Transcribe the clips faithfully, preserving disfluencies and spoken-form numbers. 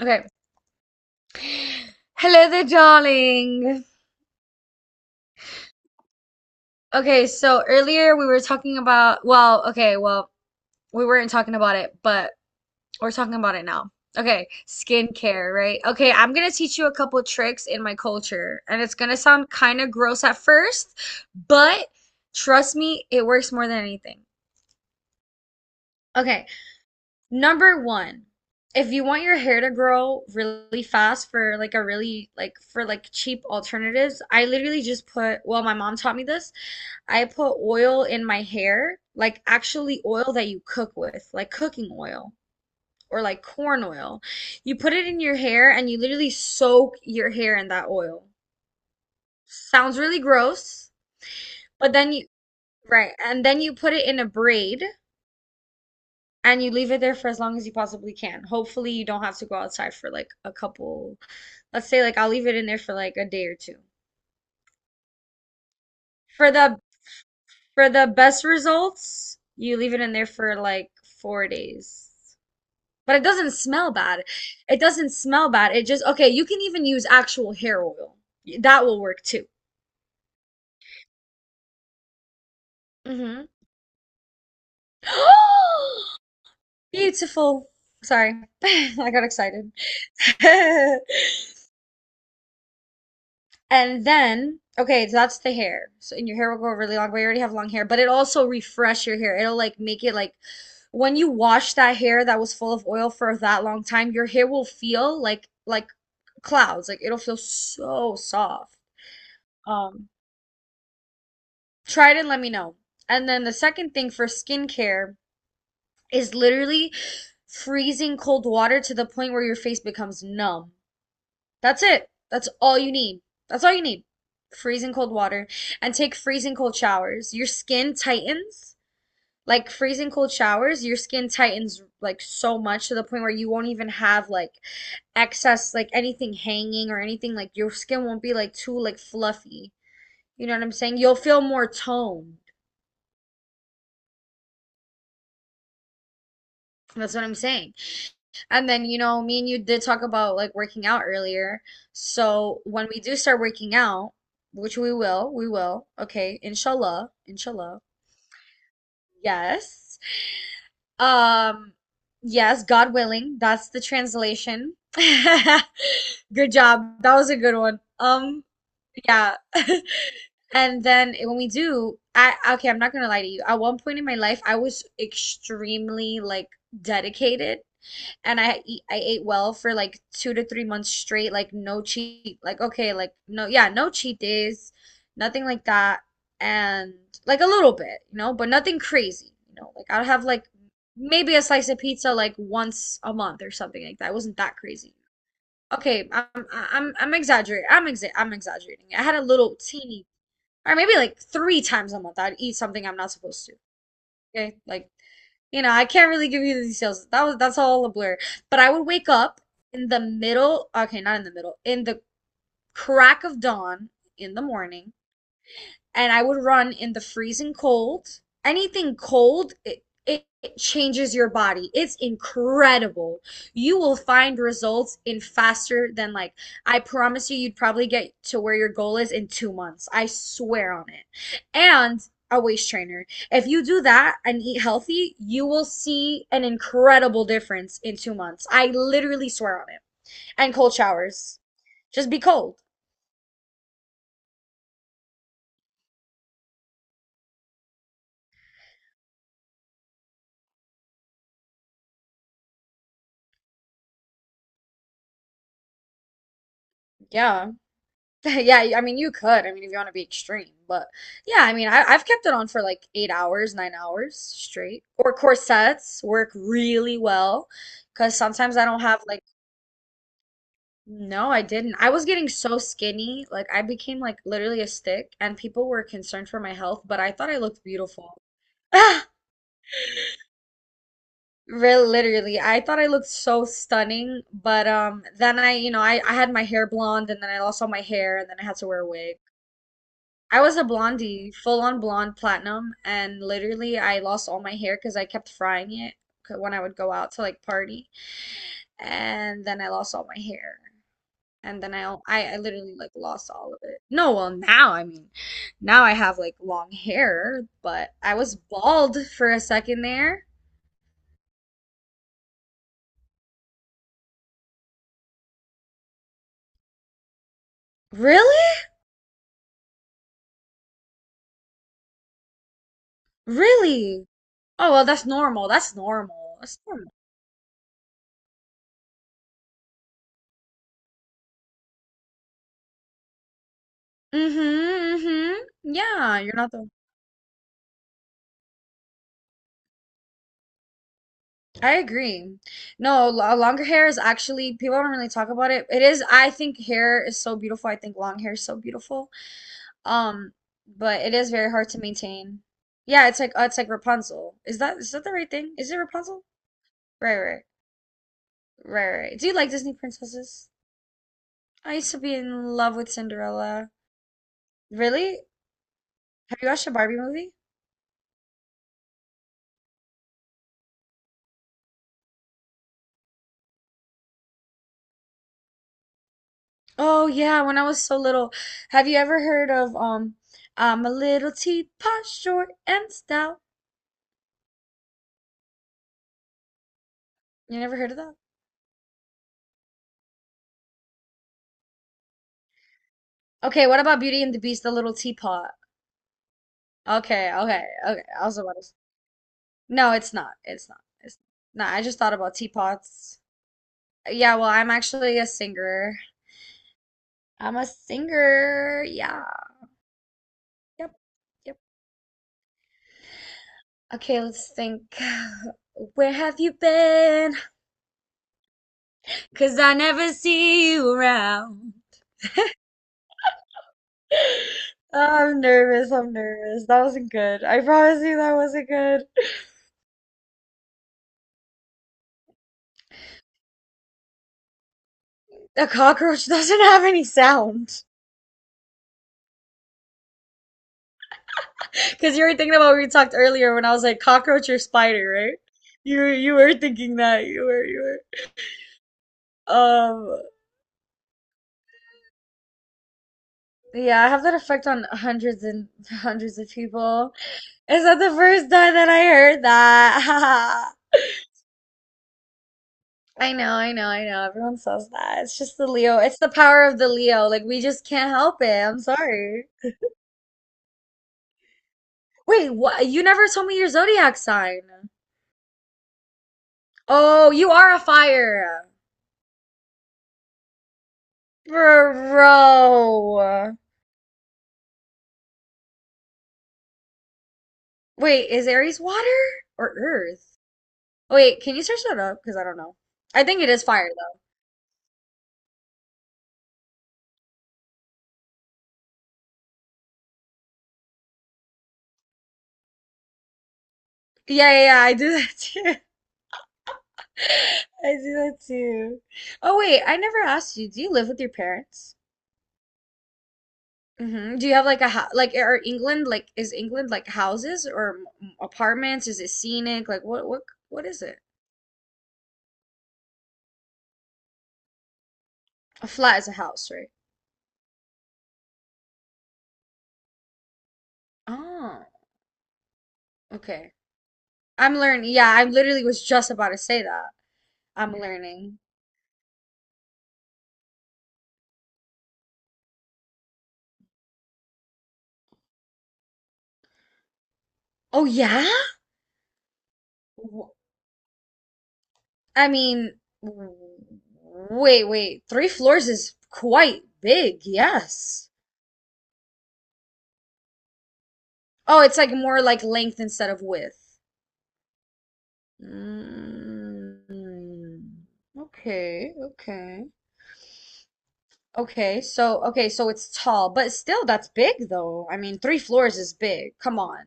Okay. Hello there, darling. Okay, so earlier we were talking about, well, okay, well, we weren't talking about it, but we're talking about it now. Okay, skincare, right? Okay, I'm gonna teach you a couple tricks in my culture, and it's gonna sound kind of gross at first, but trust me, it works more than anything. Okay, number one, if you want your hair to grow really fast for like a really like for like cheap alternatives, I literally just put, well, my mom taught me this. I put oil in my hair, like actually oil that you cook with, like cooking oil or like corn oil. You put it in your hair and you literally soak your hair in that oil. Sounds really gross, but then you, right, and then you put it in a braid, and you leave it there for as long as you possibly can. Hopefully, you don't have to go outside for like a couple, let's say like I'll leave it in there for like a day or two. For the for the best results, you leave it in there for like four days. But it doesn't smell bad. It doesn't smell bad. It just okay, you can even use actual hair oil. That will work too. Hmm Beautiful. Sorry. I got excited. And then, okay, so that's the hair. So and your hair will grow really long, but you already have long hair, but it also refresh your hair. It'll like make it like when you wash that hair that was full of oil for that long time, your hair will feel like like clouds. Like it'll feel so soft. Um, try it and let me know. And then the second thing for skincare is literally freezing cold water to the point where your face becomes numb. That's it! That's all you need. That's all you need. Freezing cold water. And take freezing cold showers. Your skin tightens. Like freezing cold showers, your skin tightens like so much to the point where you won't even have like excess like anything hanging or anything like your skin won't be like too like fluffy. You know what I'm saying? You'll feel more toned. That's what I'm saying. And then, you know, me and you did talk about like working out earlier. So when we do start working out, which we will, we will, okay, inshallah, inshallah. Yes. Um, yes, God willing, that's the translation. Good job. That was a good one. Um, yeah. And then eh, when we do, I okay, I'm not gonna lie to you. At one point in my life, I was extremely like dedicated and I eat, I ate well for like two to three months straight, like no cheat, like okay, like no, yeah, no cheat days, nothing like that, and like a little bit, you know, but nothing crazy, you know, like I'll have like maybe a slice of pizza like once a month or something like that. It wasn't that crazy. Okay, I'm I'm I'm exaggerating. I'm exa I'm exaggerating. I had a little teeny, or maybe like three times a month I'd eat something I'm not supposed to. Okay, like you know, I can't really give you the details. That was that's all a blur. But I would wake up in the middle, okay, not in the middle, in the crack of dawn in the morning, and I would run in the freezing cold. Anything cold, it, it, it changes your body. It's incredible. You will find results in faster than like I promise you, you'd probably get to where your goal is in two months. I swear on it. And a waist trainer. If you do that and eat healthy, you will see an incredible difference in two months. I literally swear on it. And cold showers. Just be cold. Yeah. Yeah, I mean you could. I mean if you want to be extreme, but yeah, I mean I, I've kept it on for like eight hours, nine hours straight. Or corsets work really well, because sometimes I don't have like no, I didn't. I was getting so skinny, like I became like literally a stick, and people were concerned for my health, but I thought I looked beautiful. Ah, real literally, I thought I looked so stunning, but um, then I, you know, I, I had my hair blonde, and then I lost all my hair, and then I had to wear a wig. I was a blondie, full on blonde platinum, and literally I lost all my hair because I kept frying it when I would go out to like party, and then I lost all my hair, and then I I, I literally like lost all of it. No, well now I mean, now I have like long hair, but I was bald for a second there. Really? Really? Oh well, that's normal. That's normal. That's normal. Mm-hmm, mm-hmm. Yeah, you're not the I agree. No, lo- longer hair is actually, people don't really talk about it. It is, I think hair is so beautiful. I think long hair is so beautiful. Um, but it is very hard to maintain. Yeah, it's like uh, it's like Rapunzel. Is that is that the right thing? Is it Rapunzel? Right, right, right, right. Do you like Disney princesses? I used to be in love with Cinderella. Really? Have you watched a Barbie movie? Oh yeah, when I was so little. Have you ever heard of um, I'm a little teapot, short and stout? You never heard of that? Okay, what about Beauty and the Beast, the little teapot? Okay, okay, okay. I was about to. s- No, it's not. It's not. It's not. I just thought about teapots. Yeah, well, I'm actually a singer. I'm a singer. Yeah. Yep. Yep. Okay, let's think. Where have you been? 'Cause I never see you around. I'm nervous. I'm nervous. That wasn't good. I promise you that wasn't good. A cockroach doesn't have any sound. Because you were thinking about what we talked earlier when I was like cockroach or spider, right? You were, you were thinking that you were you were. Um, yeah, I have that effect on hundreds and hundreds of people. Is that the first time that I heard that? I know, I know, I know. Everyone says that. It's just the Leo. It's the power of the Leo. Like we just can't help it. I'm sorry. Wait, what? You never told me your zodiac sign. Oh, you are a fire. Bro. Wait, is Aries water or earth? Oh, wait, can you search that up? Because I don't know. I think it is fire though. Yeah, yeah, yeah, I do that too. I do that too. Oh wait, I never asked you. Do you live with your parents? Hmm Do you have like a ho like are England like is England like houses or m- apartments? Is it scenic? Like what what what is it? A flat is a house, right? Oh, okay. I'm learning. Yeah, I literally was just about to say that. I'm learning. Oh yeah? I mean, w- wait, wait. Three floors is quite big, yes. Oh, it's like more like length instead of width. Mm, okay, okay. Okay, so okay, so it's tall, but still that's big though. I mean, three floors is big. Come on.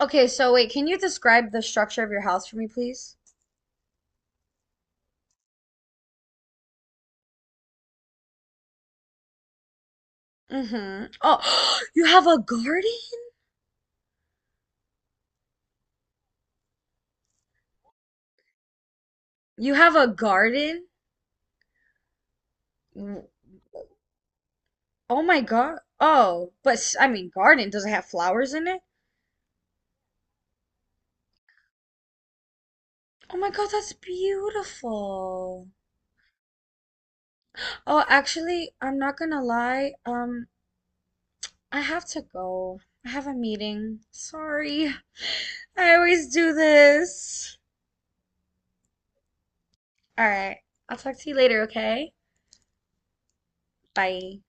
Okay, so wait, can you describe the structure of your house for me, please? Mm-hmm. Oh, you have a garden? You have a garden? Oh my God. Oh, but I mean, garden. Does it have flowers in it? Oh my God, that's beautiful. Oh, actually, I'm not gonna lie. Um, I have to go. I have a meeting. Sorry. I always do this. All right. I'll talk to you later, okay? Bye.